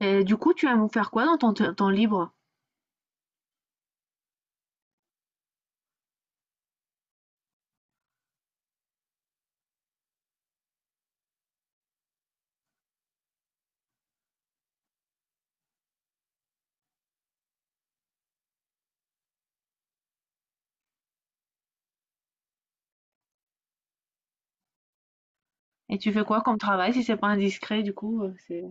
Et du coup, tu aimes vous faire quoi dans ton temps libre? Et tu fais quoi comme travail si c'est pas indiscret, du coup, c'est...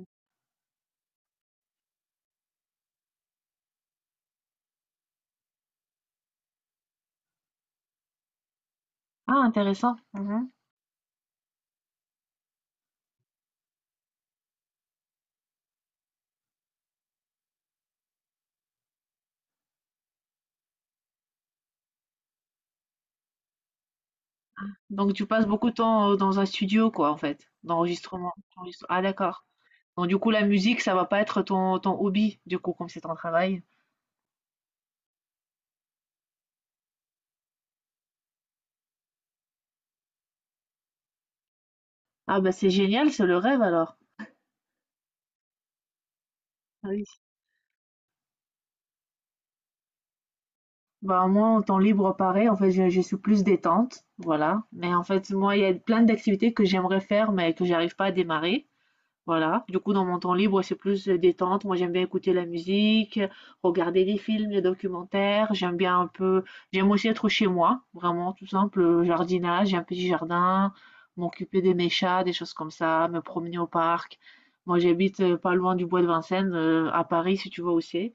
Ah, intéressant. Mhm. Donc tu passes beaucoup de temps dans un studio, quoi, en fait, d'enregistrement. Ah, d'accord. Donc du coup, la musique, ça va pas être ton hobby, du coup, comme c'est ton travail. Ah, bah c'est génial, c'est le rêve alors. Ah, oui. Bah moi, en temps libre, pareil, en fait, je suis plus détente, voilà. Mais en fait, moi, il y a plein d'activités que j'aimerais faire, mais que j'arrive pas à démarrer. Voilà, du coup, dans mon temps libre, c'est plus détente. Moi, j'aime bien écouter la musique, regarder des films, des documentaires. J'aime bien un peu, j'aime aussi être chez moi, vraiment tout simple, jardinage, j'ai un petit jardin, m'occuper de mes chats, des choses comme ça, me promener au parc. Moi, j'habite pas loin du bois de Vincennes, à Paris, si tu vois aussi.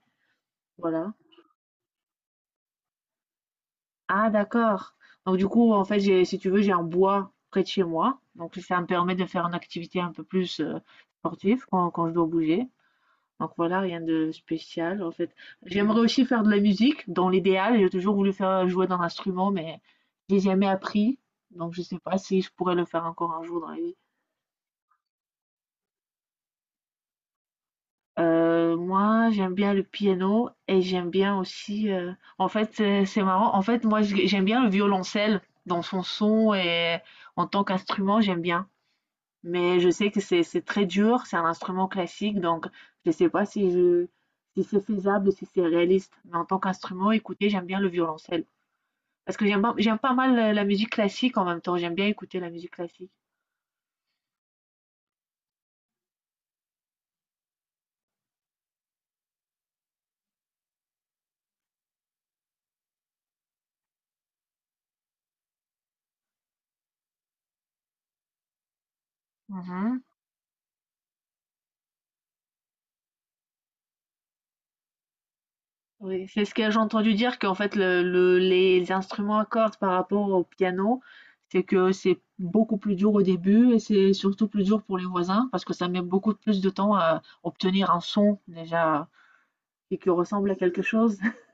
Voilà. Ah, d'accord. Donc, du coup, en fait, j'ai, si tu veux, j'ai un bois près de chez moi. Donc, ça me permet de faire une activité un peu plus sportive quand je dois bouger. Donc voilà, rien de spécial en fait. J'aimerais aussi faire de la musique, dans l'idéal. J'ai toujours voulu faire jouer d'un instrument, mais j'ai jamais appris. Donc je sais pas si je pourrais le faire encore un jour dans la vie. Moi, j'aime bien le piano et j'aime bien aussi, en fait, c'est marrant. En fait, moi, j'aime bien le violoncelle dans son son et en tant qu'instrument, j'aime bien. Mais je sais que c'est très dur, c'est un instrument classique, donc je ne sais pas si je si c'est faisable, si c'est réaliste. Mais en tant qu'instrument, écoutez, j'aime bien le violoncelle. Parce que j'aime pas mal la la musique classique en même temps, j'aime bien écouter la musique classique. Mhm. Oui, c'est ce que j'ai entendu dire qu'en fait les instruments à cordes par rapport au piano, c'est que c'est beaucoup plus dur au début et c'est surtout plus dur pour les voisins parce que ça met beaucoup plus de temps à obtenir un son déjà et qui ressemble à quelque chose.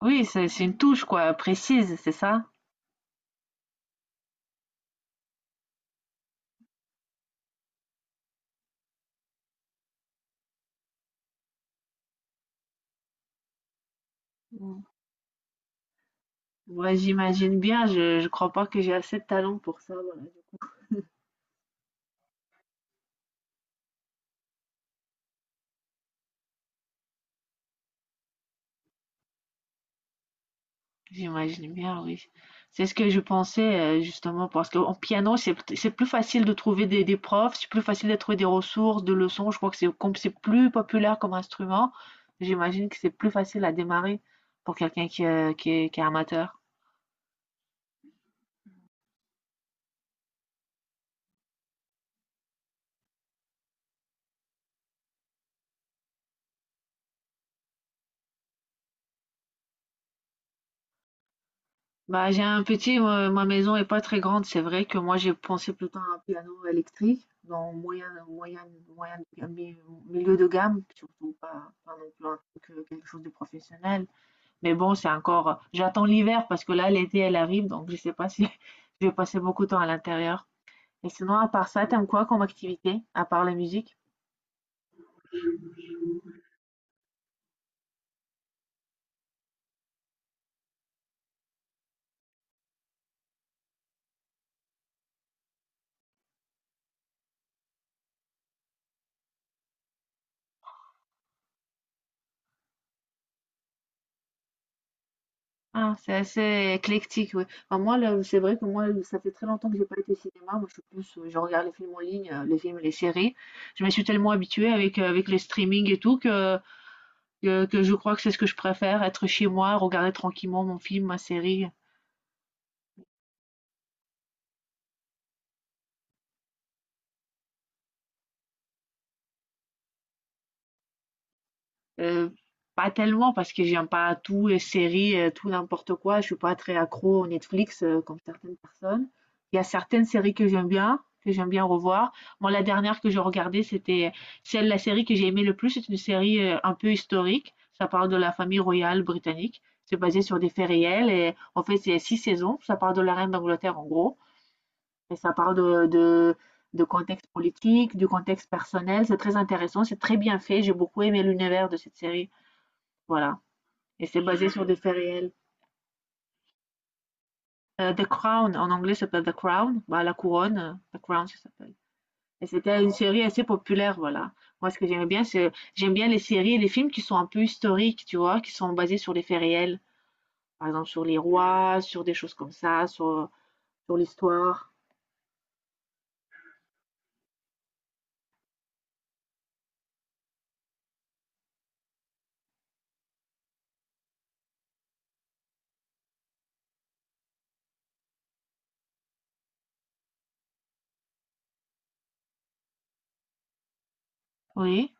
Oui, c'est une touche quoi précise, c'est ça? Mm. Ouais, j'imagine bien, je crois pas que j'ai assez de talent pour ça, voilà. J'imagine bien, oui. C'est ce que je pensais justement parce qu'en piano, c'est plus facile de trouver des profs, c'est plus facile de trouver des ressources, de leçons. Je crois que c'est comme c'est plus populaire comme instrument, j'imagine que c'est plus facile à démarrer pour quelqu'un qui est amateur. Bah, j'ai un petit, ma maison est pas très grande, c'est vrai que moi j'ai pensé plutôt à un piano électrique, dans moyen, mi- milieu de gamme, surtout pas non plus un truc, quelque chose de professionnel. Mais bon, c'est encore. J'attends l'hiver parce que là, l'été, elle arrive, donc je sais pas si je vais passer beaucoup de temps à l'intérieur. Et sinon, à part ça, t'aimes quoi comme activité, à part la musique? Ah, c'est assez éclectique, oui. Enfin, moi, là, c'est vrai que moi, ça fait très longtemps que j'ai pas été au cinéma. Moi, je suis plus, je regarde les films en ligne, les films, les séries. Je me suis tellement habituée avec, avec les streaming et tout que je crois que c'est ce que je préfère, être chez moi, regarder tranquillement mon film, ma série. Heu, pas tellement parce que j'aime pas tout, les séries, tout n'importe quoi. Je suis pas très accro aux Netflix, comme certaines personnes. Il y a certaines séries que j'aime bien revoir. Moi, la dernière que j'ai regardée, c'était celle la série que j'ai aimée le plus, c'est une série, un peu historique. Ça parle de la famille royale britannique. C'est basé sur des faits réels et en fait, c'est 6 saisons. Ça parle de la reine d'Angleterre, en gros, et ça parle de contexte politique, du contexte personnel. C'est très intéressant, c'est très bien fait. J'ai beaucoup aimé l'univers de cette série. Voilà, et c'est basé sur des faits réels. The Crown, en anglais, ça s'appelle The Crown, bah, la couronne, The Crown, ça s'appelle, et c'était une série assez populaire, voilà. Moi, ce que j'aime bien, c'est j'aime bien les séries et les films qui sont un peu historiques, tu vois? Qui sont basés sur des faits réels. Par exemple, sur les rois, sur des choses comme ça, sur l'histoire. Oui,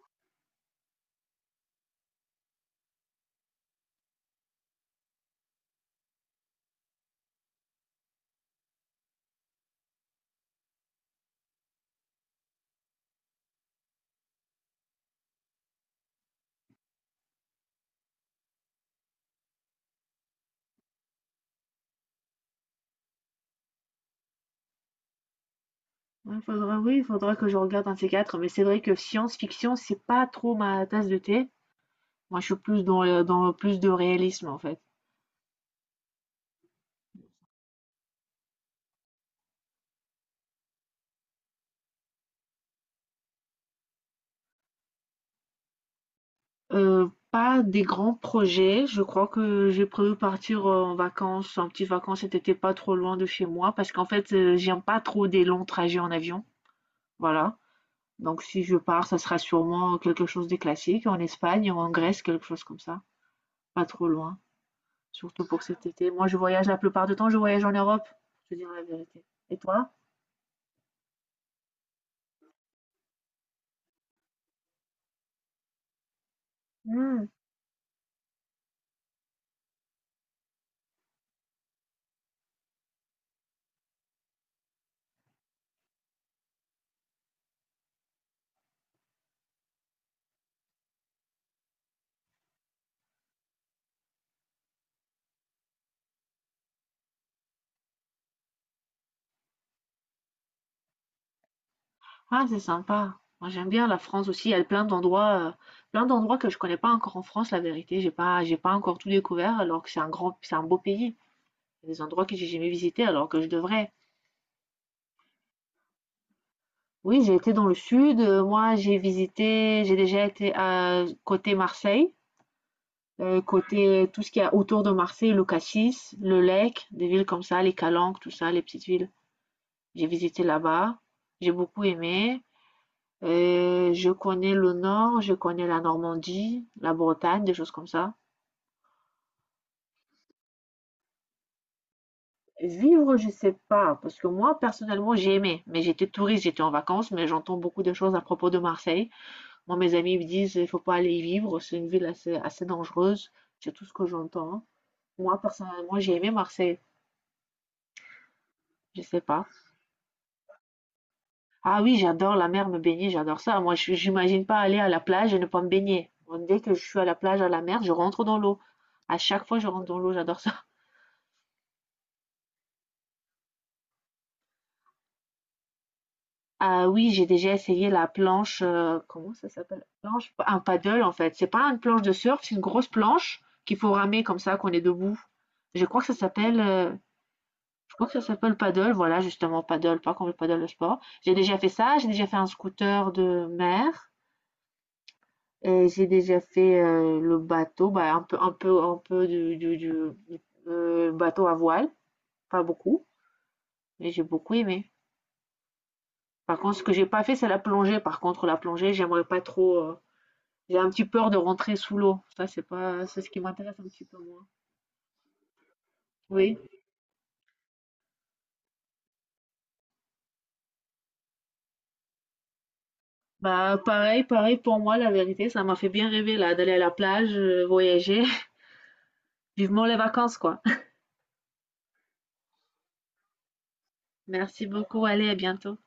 il faudra, oui, il faudra que je regarde un de ces quatre, mais c'est vrai que science-fiction, c'est pas trop ma tasse de thé. Moi, je suis plus dans le dans plus de réalisme, en fait. Pas des grands projets. Je crois que j'ai prévu partir, en vacances, en petites vacances cet été, pas trop loin de chez moi parce qu'en fait, j'aime pas trop des longs trajets en avion, voilà. Donc si je pars, ça sera sûrement quelque chose de classique, en Espagne ou en Grèce, quelque chose comme ça, pas trop loin, surtout pour cet été. Moi, je voyage la plupart du temps, je voyage en Europe, je te dire la vérité. Et toi? Mmh. Ah, c'est sympa. Moi, j'aime bien la France aussi. Il y a plein d'endroits que je connais pas encore en France, la vérité. J'ai pas encore tout découvert, alors que c'est un grand, c'est un beau pays. Il y a des endroits que j'ai jamais visités, alors que je devrais. Oui, j'ai été dans le sud, moi, j'ai visité, j'ai déjà été à côté Marseille, côté tout ce qu'il y a autour de Marseille, le Cassis, le Lec, des villes comme ça, les Calanques, tout ça, les petites villes. J'ai visité là-bas. J'ai beaucoup aimé. Et je connais le nord, je connais la Normandie, la Bretagne, des choses comme ça. Vivre, je sais pas, parce que moi, personnellement, j'ai aimé. Mais j'étais touriste, j'étais en vacances, mais j'entends beaucoup de choses à propos de Marseille. Moi, mes amis me disent, il faut pas aller y vivre, c'est une ville assez dangereuse. C'est tout ce que j'entends, hein. Moi, personnellement, j'ai aimé Marseille. Je sais pas. Ah oui, j'adore la mer, me baigner, j'adore ça. Moi, j'imagine pas aller à la plage et ne pas me baigner. Bon, dès que je suis à la plage, à la mer, je rentre dans l'eau. À chaque fois, je rentre dans l'eau, j'adore ça. Ah oui, j'ai déjà essayé la planche, comment ça s'appelle? Planche un paddle en fait, c'est pas une planche de surf, c'est une grosse planche qu'il faut ramer comme ça qu'on est debout. Je crois que ça s'appelle, je crois que ça s'appelle paddle, voilà justement paddle, pas comme le paddle de sport. J'ai déjà fait ça, j'ai déjà fait un scooter de mer et j'ai déjà fait, le bateau, bah, un peu du, bateau à voile, pas beaucoup, mais j'ai beaucoup aimé. Par contre, ce que j'ai pas fait, c'est la plongée. Par contre, la plongée, j'aimerais pas trop, heu. J'ai un petit peur de rentrer sous l'eau. Ça, c'est pas, c'est ce qui m'intéresse un petit peu moins. Oui. Bah, pareil, pareil pour moi, la vérité, ça m'a fait bien rêver là, d'aller à la plage, voyager. Vivement les vacances, quoi. Merci beaucoup. Allez, à bientôt.